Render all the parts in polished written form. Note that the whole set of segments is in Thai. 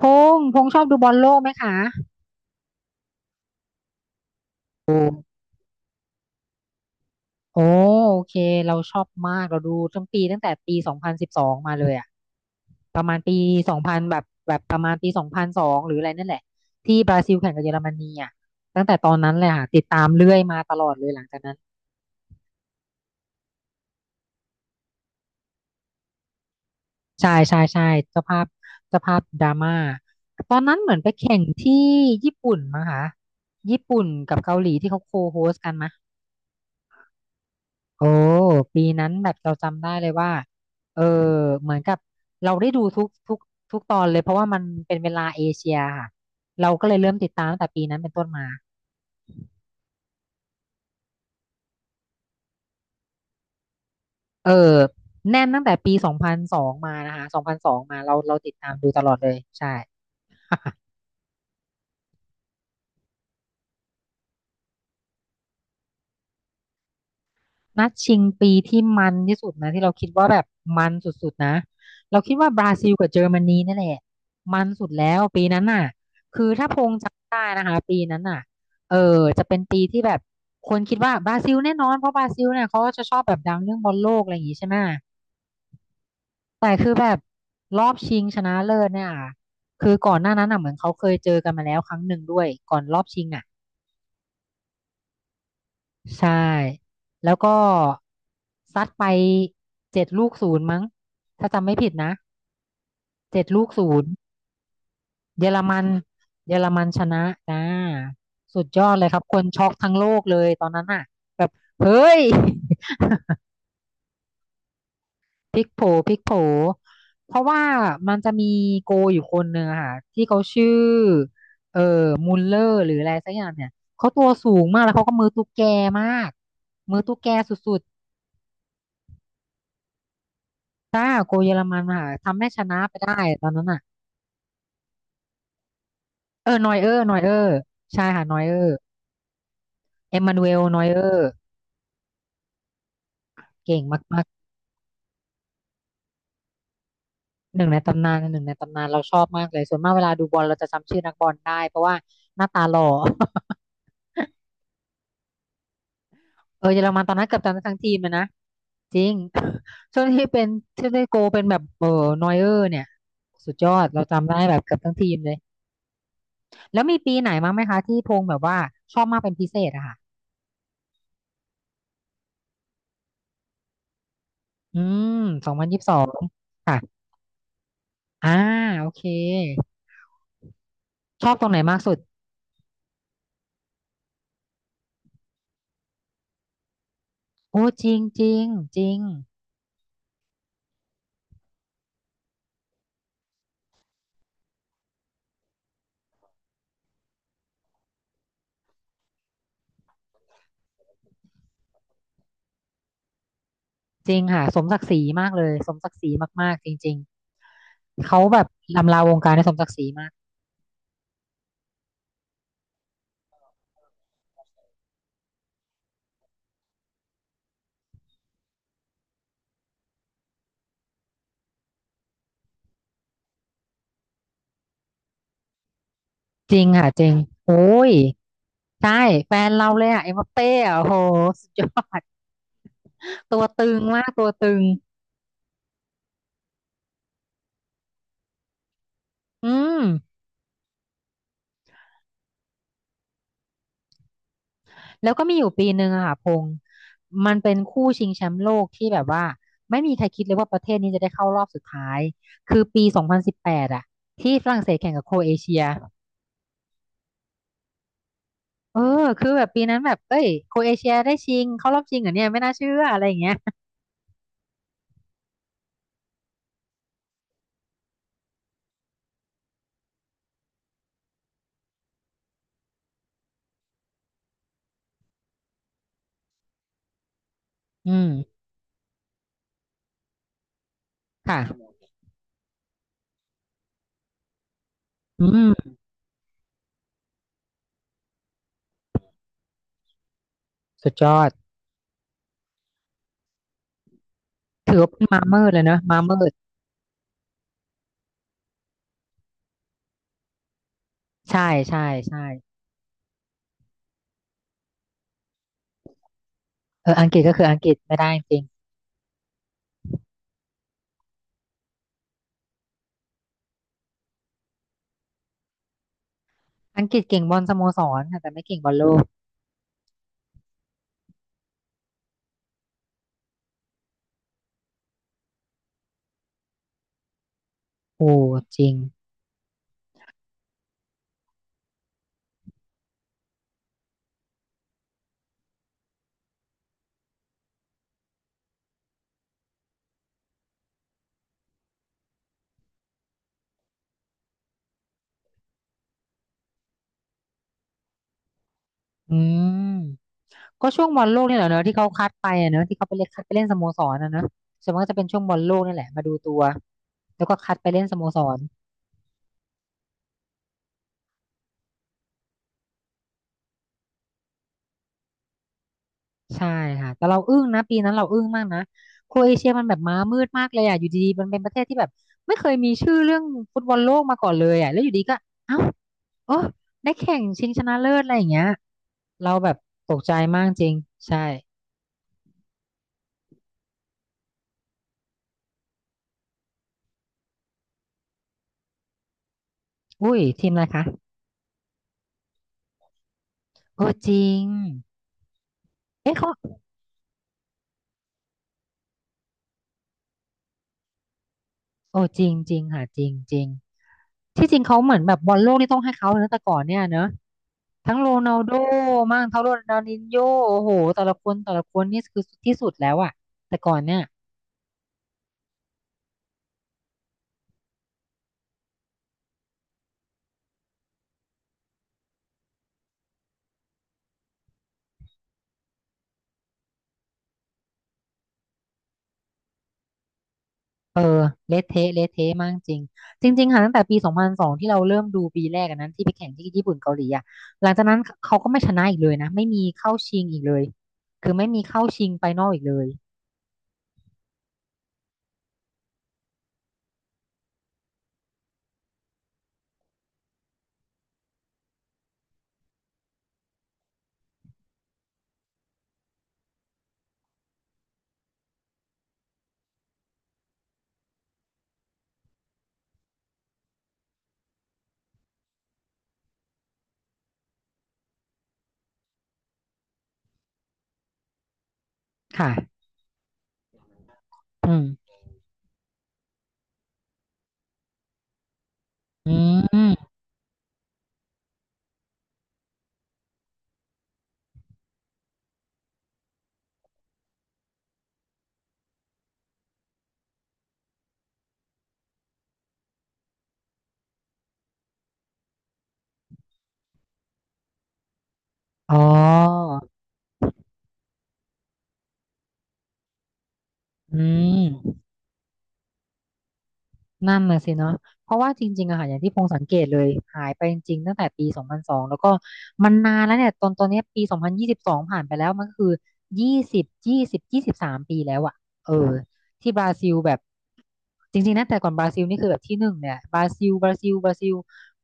พพงษ์ชอบดูบอลโลกไหมคะดูโอ้โอเคเราชอบมากเราดูตั้งแต่ปี2012มาเลยอะประมาณปีสองพันแบบประมาณปีสองพันสองหรืออะไรนั่นแหละที่บราซิลแข่งกับเยอรมนีอะตั้งแต่ตอนนั้นเลยค่ะติดตามเรื่อยมาตลอดเลยหลังจากนั้นใช่ใช่ใช่เจ้าภาพเจ้าภาพดราม่าตอนนั้นเหมือนไปแข่งที่ญี่ปุ่นมั้งคะญี่ปุ่นกับเกาหลีที่เขาโคโฮสกัน โอ้ปีนั้นแบบเราจำได้เลยว่าเออเหมือนกับเราได้ดูทุกตอนเลยเพราะว่ามันเป็นเวลาเอเชียค่ะเราก็เลยเริ่มติดตามตั้งแต่ปีนั้นเป็นต้นมาเออแน่นตั้งแต่ปีสองพันสองมานะคะสองพันสองมาเราติดตามดูตลอดเลยใช่ นัดชิงปีที่มันที่สุดนะที่เราคิดว่าแบบมันสุดๆนะเราคิดว่าบราซิลกับเยอรมนีนั่นแหละมันสุดแล้วปีนั้นน่ะคือถ้าพงจำได้นะคะปีนั้นน่ะจะเป็นปีที่แบบคนคิดว่าบราซิลแน่นอนเพราะบราซิลเนี่ยเขาก็จะชอบแบบดังเรื่องบอลโลกอะไรอย่างงี้ใช่ไหมแต่คือแบบรอบชิงชนะเลิศเนี่ยคือก่อนหน้านั้นน่ะเหมือนเขาเคยเจอกันมาแล้วครั้งหนึ่งด้วยก่อนรอบชิงอ่ะ ใช่แล้วก็ซัดไปเจ็ดลูกศูนย์มั้งถ้าจำไม่ผิดนะเจ็ดลูกศูนย์เยอรมันเยอรมันชนะจ้าสุดยอดเลยครับคนช็อกทั้งโลกเลยตอนนั้นน่ะแบบเฮ้ย พลิกโผพลิกโผเพราะว่ามันจะมีโกอยู่คนหนึ่งอะค่ะที่เขาชื่อเอ่อมุลเลอร์หรืออะไรสักอย่างเนี่ยเขาตัวสูงมากแล้วเขาก็มือตุ๊กแกมากมือตุ๊กแกสุดๆ ใช่โกเยอรมันค่ะทำให้ชนะไปได้ตอนนั้นอ่ะนอยเออร์นอยเออร์ใช่ค่ะนอยเออร์เอ็มมานูเอลนอยเออร์เก่งมากๆหนึ่งในตำนานหนึ่งในตำนานเราชอบมากเลยส่วนมากเวลาดูบอลเราจะจำชื่อนักบอลได้เพราะว่าหน้าตาหล่อ เยอรมันตอนนั้นเกือบจะทั้งทีมเลยนะจริง ช่วงที่เป็นที่ได้โกลเป็นแบบนอยเออร์เนี่ยสุดยอดเราจำได้แบบเกือบทั้งทีมเลยแล้วมีปีไหนมั้างไหมคะที่พงษ์แบบว่าชอบมากเป็นพิเศษอะค่ะอืม2022ค่ะ อ่าโอเคชอบตรงไหนมากสุดโอ้จริงจริงจริงจริงค่ะสมศักดิ์ศรีมากเลยสมศักดิ์ศรีมากๆจริงๆเขาแบบลำลาวงการในสมศักดิ์ศรีมากจริงค่ะจริงโอ้ยใช่แฟนเราเลยอ่ะเอ็มบัปเป้อะโอ้โหสุดยอดตัวตึงมากตัวตึงอืมแล้วก็มีอยู่ปีหนึ่งอะค่ะพงษ์มันเป็นคู่ชิงแชมป์โลกที่แบบว่าไม่มีใครคิดเลยว่าประเทศนี้จะได้เข้ารอบสุดท้ายคือปี2018อะที่ฝรั่งเศสแข่งกับโครเอเชีย เออคือแบบปีนั้นแบบเอ้ยโครเอเชียได้ชิงเข้ารอบชิงเหรอเนี่ยไม่น่าเชื่ออะไรอย่างเงี้ยอืมค่ะอืมสุดยอดถือว่าเป็นมามืดเลยเนอะมามืดใช่ใช่ใช่เอออังกฤษก็คืออังกฤษไม่ได้จริงอังกฤษเก่งบอลสโมสรค่ะแต่ไม่เก่งบอลโลกโอ้จริง อืมก็ช่วงบอลโลกนี่แหละเนอะที่เขาคัดไปอะเนอะที่เขาไปเล่นคัดไปเล่นสโมสรนะเนอะส่วนมากจะเป็นช่วงบอลโลกนี่แหละมาดูตัวแล้วก็คัดไปเล่นสโมสร ใช่ค่ะแต่เราอึ้งนะปีนั้นเราอึ้งมากนะโครเอเชียมันแบบม้ามืดมากเลยอ่ะอยู่ดีๆมันเป็นประเทศที่แบบไม่เคยมีชื่อเรื่องฟุตบอลโลกมาก่อนเลยอ่ะแล้วอยู่ดีก็เอ้าโอ้ได้แข่งชิงชนะเลิศอะไรอย่างเงี้ยเราแบบตกใจมากจริงใช่อุ้ยทีมอะไรคะโอ้จริงเอ๊ะเขา โอ้จริงจริงค่ะจริงจริงที่จริงเขาเหมือนแบบบอลโลกนี่ต้องให้เขาเลยนะแต่ก่อนเนี่ยเนอะทั้งโรนัลโดมั่งทั้งโรนัลดินโญโอ้โหแต่ละคนแต่ละคนนี่คือที่สุดแล้วอะแต่ก่อนเนี่ยเออเละเทะเละเทะมากจริงจริงๆค่ะตั้งแต่ปีสองพันสองที่เราเริ่มดูปีแรกอันนั้นที่ไปแข่งที่ญี่ปุ่นเกาหลีอะหลังจากนั้นเขาก็ไม่ชนะอีกเลยนะไม่มีเข้าชิงอีกเลยคือไม่มีเข้าชิงไฟนอลอีกเลยค่ะอืมอืมอ๋ออืม นั่นน่ะสิเนาะเพราะว่าจริงๆอะค่ะอย่างที่พงสังเกตเลยหายไปจริงๆตั้งแต่ปีสองพันสองแล้วก็มันนานแล้วเนี่ยตอนเนี้ยปี2022ผ่านไปแล้วมันก็คือ23 ปีแล้วอะเออที่บราซิลแบบจริงๆนะแต่ก่อนบราซิลนี่คือแบบที่หนึ่งเนี่ยบราซิลบราซิลบราซิล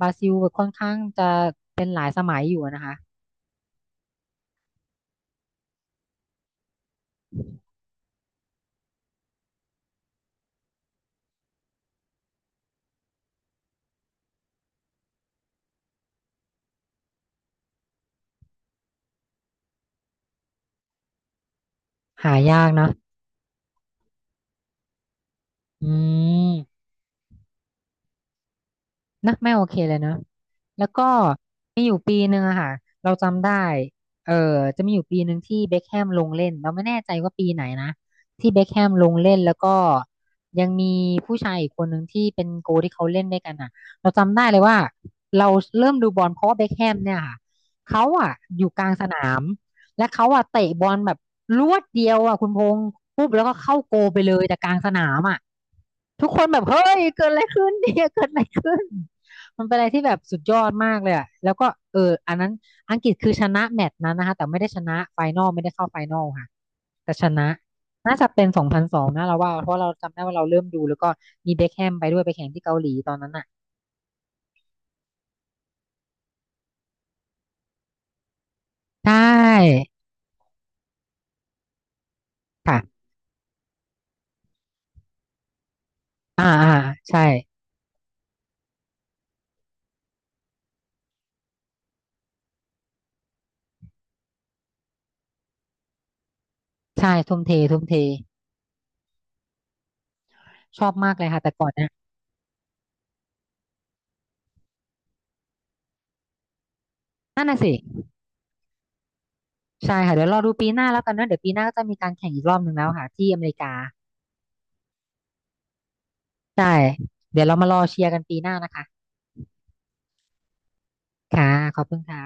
บราซิลแบบค่อนข้างจะหายากนะอืม นะไม่โอเคเลยเนอะแล้วก็มีอยู่ปีหนึ่งอะค่ะเราจำได้เออจะมีอยู่ปีหนึ่งที่เบ็คแฮมลงเล่นเราไม่แน่ใจว่าปีไหนนะที่เบ็คแฮมลงเล่นแล้วก็ยังมีผู้ชายอีกคนหนึ่งที่เป็นโกที่เขาเล่นด้วยกันอะเราจำได้เลยว่าเราเริ่มดูบอลเพราะว่าเบ็คแฮมเนี่ยค่ะเขาอะอยู่กลางสนามและเขาอะเตะบอลแบบลวดเดียวอะคุณพงษ์ปุ๊บแล้วก็เข้าโกไปเลยแต่กลางสนามอะทุกคนแบบเฮ้ยเกิดอะไรขึ้นเนี่ยเกิดอะไรขึ้น มันเป็นอะไรที่แบบสุดยอดมากเลยอะแล้วก็เอออันนั้นอังกฤษคือชนะแมตช์นั้นนะคะแต่ไม่ได้ชนะไฟนอลไม่ได้เข้าไฟนอลค่ะแต่ชนะน่าจะเป็นสองพันสองนะเราว่าเพราะเราจำได้ว่าเราเริ่มดูแล้วก็มีเบ็คแฮมไปด้วยไปแข่งที่เกาหลีตอนนั้นอ่ะใช่ค่ะอ่าอ่าใช่ใช่ทุ่มเททุ่มเทชอบมากเลยค่ะแต่ก่อนนะนั่นน่ะสิใช่ค่ะเดี๋ยวรอดูปีหน้าแล้วกันนะเดี๋ยวปีหน้าก็จะมีการแข่งอีกรอบหนึ่งแล้วค่ะที่อเมริกาใช่เดี๋ยวเรามารอเชียร์กันปีหน้านะคะค่ะขอบคุณค่ะ